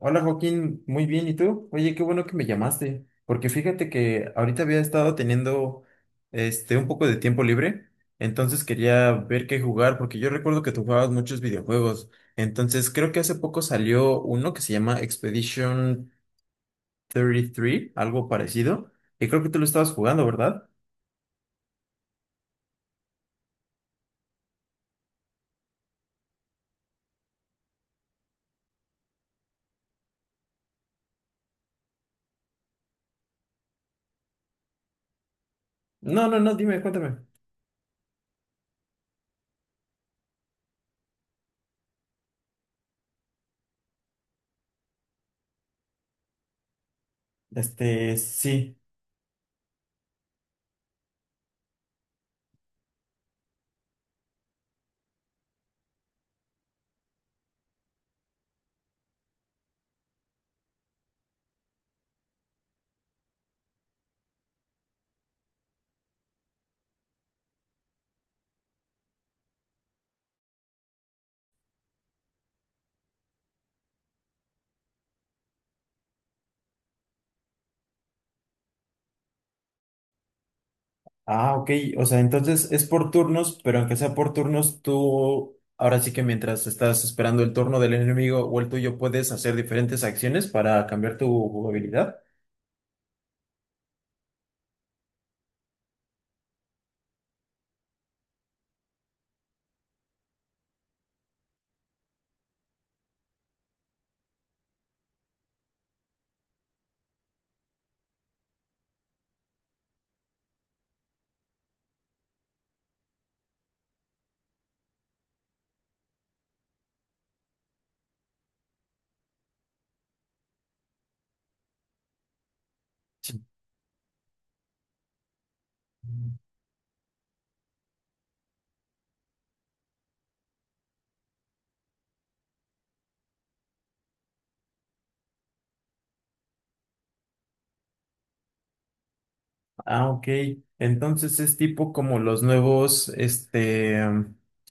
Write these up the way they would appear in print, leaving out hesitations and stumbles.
Hola Joaquín, muy bien, ¿y tú? Oye, qué bueno que me llamaste, porque fíjate que ahorita había estado teniendo un poco de tiempo libre, entonces quería ver qué jugar, porque yo recuerdo que tú jugabas muchos videojuegos, entonces creo que hace poco salió uno que se llama Expedition 33, algo parecido, y creo que tú lo estabas jugando, ¿verdad? No, no, no, dime, cuéntame. Este, sí. Ah, ok. O sea, entonces es por turnos, pero aunque sea por turnos, tú ahora sí que mientras estás esperando el turno del enemigo o el tuyo, puedes hacer diferentes acciones para cambiar tu jugabilidad. Sí. Ah, ok. Entonces es tipo como los nuevos,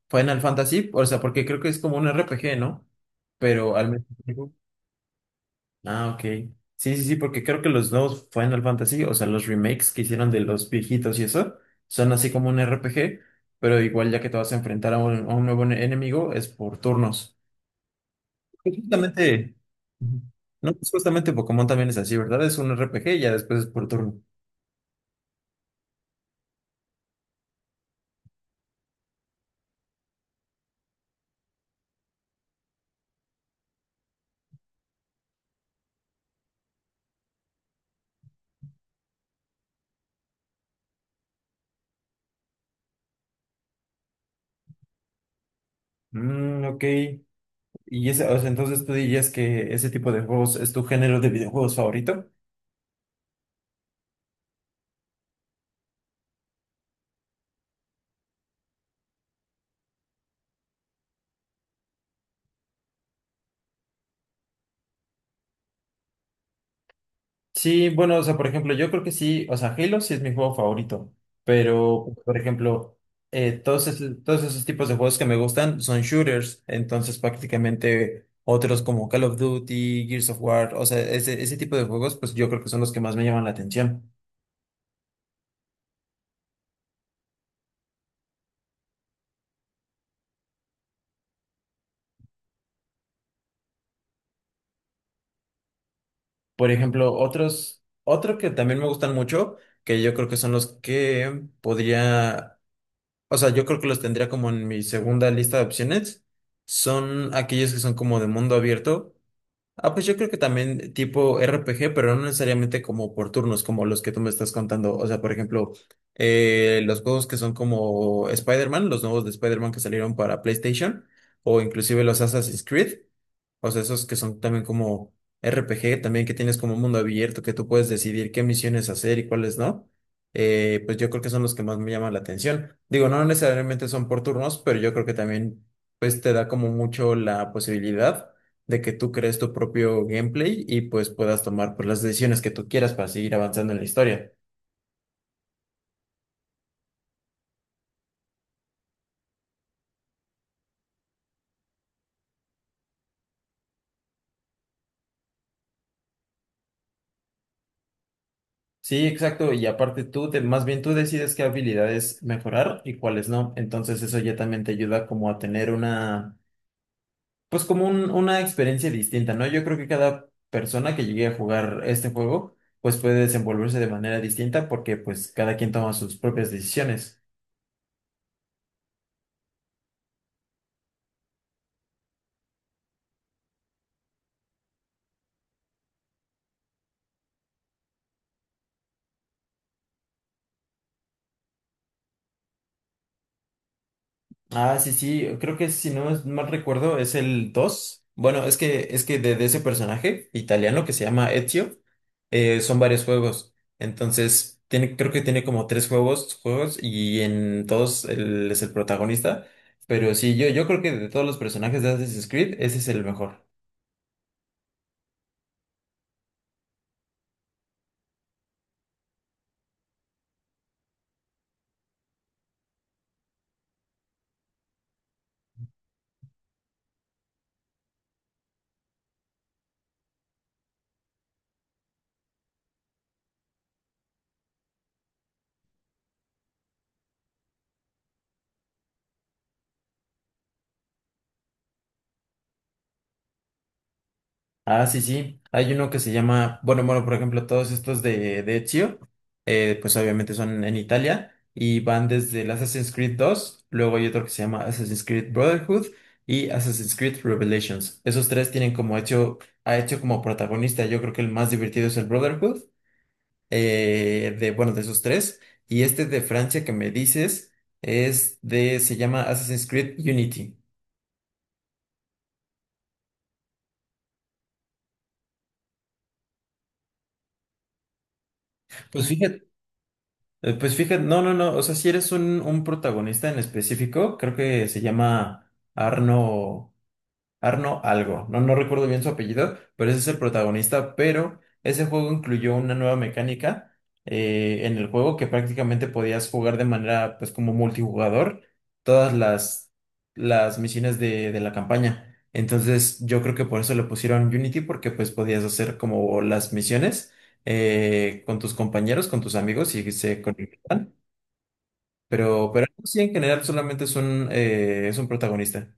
Final Fantasy, o sea, porque creo que es como un RPG, ¿no? Pero al menos. Ah, ok. Sí, sí, sí, porque creo que los nuevos Final Fantasy, o sea, los remakes que hicieron de los viejitos y eso, son así como un RPG, pero igual ya que te vas a enfrentar a a un nuevo enemigo, es por turnos. Pues justamente. Ujú. No, pues justamente Pokémon también es así, ¿verdad? Es un RPG y ya después es por turno. Mm, ok. Y ese, o sea, entonces tú dirías que ese tipo de juegos es tu género de videojuegos favorito. Sí, bueno, o sea, por ejemplo, yo creo que sí, o sea, Halo sí es mi juego favorito, pero, por ejemplo, todos esos tipos de juegos que me gustan son shooters, entonces prácticamente otros como Call of Duty, Gears of War, o sea, ese tipo de juegos, pues yo creo que son los que más me llaman la atención. Por ejemplo, otro que también me gustan mucho, que yo creo que son los que podría, o sea, yo creo que los tendría como en mi segunda lista de opciones, son aquellos que son como de mundo abierto. Ah, pues yo creo que también tipo RPG, pero no necesariamente como por turnos, como los que tú me estás contando. O sea, por ejemplo, los juegos que son como Spider-Man, los nuevos de Spider-Man que salieron para PlayStation, o inclusive los Assassin's Creed. O sea, esos que son también como RPG, también que tienes como un mundo abierto, que tú puedes decidir qué misiones hacer y cuáles no. Pues yo creo que son los que más me llaman la atención. Digo, no necesariamente son por turnos, pero yo creo que también pues te da como mucho la posibilidad de que tú crees tu propio gameplay y pues puedas tomar pues las decisiones que tú quieras para seguir avanzando en la historia. Sí, exacto, y aparte más bien tú decides qué habilidades mejorar y cuáles no, entonces eso ya también te ayuda como a tener una, pues como una experiencia distinta, ¿no? Yo creo que cada persona que llegue a jugar este juego, pues puede desenvolverse de manera distinta porque pues cada quien toma sus propias decisiones. Ah, sí, sí, creo que si no es mal recuerdo es el 2. Bueno, es que de ese personaje italiano que se llama Ezio, son varios juegos. Entonces, tiene, creo que tiene como tres juegos, juegos y en todos él es el protagonista. Pero sí, yo creo que de todos los personajes de Assassin's Creed, ese es el mejor. Ah, sí, sí. Hay uno que se llama, bueno, por ejemplo, todos estos de Ezio, pues obviamente son en Italia y van desde el Assassin's Creed 2, luego hay otro que se llama Assassin's Creed Brotherhood y Assassin's Creed Revelations. Esos tres tienen como Ezio ha hecho como protagonista, yo creo que el más divertido es el Brotherhood, bueno, de esos tres. Y este de Francia que me dices se llama Assassin's Creed Unity. Pues fíjate. Pues fíjate, no, no, no, o sea, si eres un protagonista en específico, creo que se llama Arno, Arno algo, no recuerdo bien su apellido, pero ese es el protagonista, pero ese juego incluyó una nueva mecánica, en el juego que prácticamente podías jugar de manera pues como multijugador todas las misiones de la campaña. Entonces yo creo que por eso le pusieron Unity porque pues podías hacer como las misiones con tus compañeros, con tus amigos y se conectan, pero sí en general solamente es un protagonista.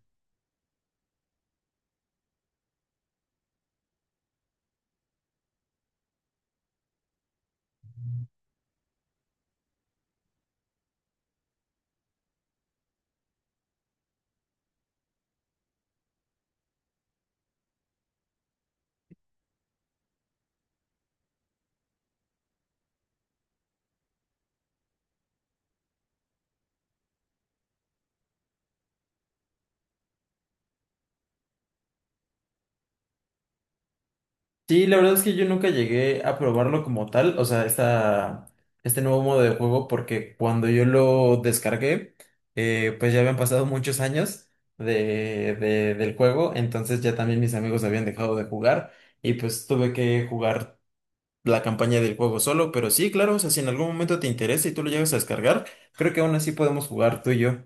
Sí, la verdad es que yo nunca llegué a probarlo como tal, este nuevo modo de juego, porque cuando yo lo descargué, pues ya habían pasado muchos años del juego, entonces ya también mis amigos habían dejado de jugar y pues tuve que jugar la campaña del juego solo, pero sí, claro, o sea, si en algún momento te interesa y tú lo llegas a descargar, creo que aún así podemos jugar tú y yo.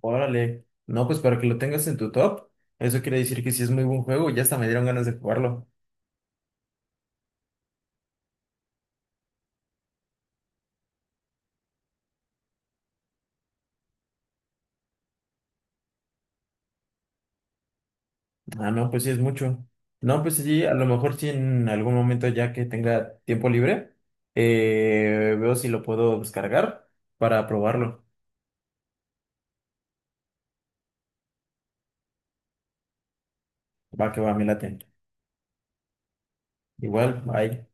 Órale, no, pues para que lo tengas en tu top, eso quiere decir que sí es muy buen juego, ya hasta me dieron ganas de jugarlo. Ah, no, pues sí es mucho. No, pues sí, a lo mejor sí en algún momento ya que tenga tiempo libre, veo si lo puedo descargar para probarlo. Va que va, me late. Igual, bye.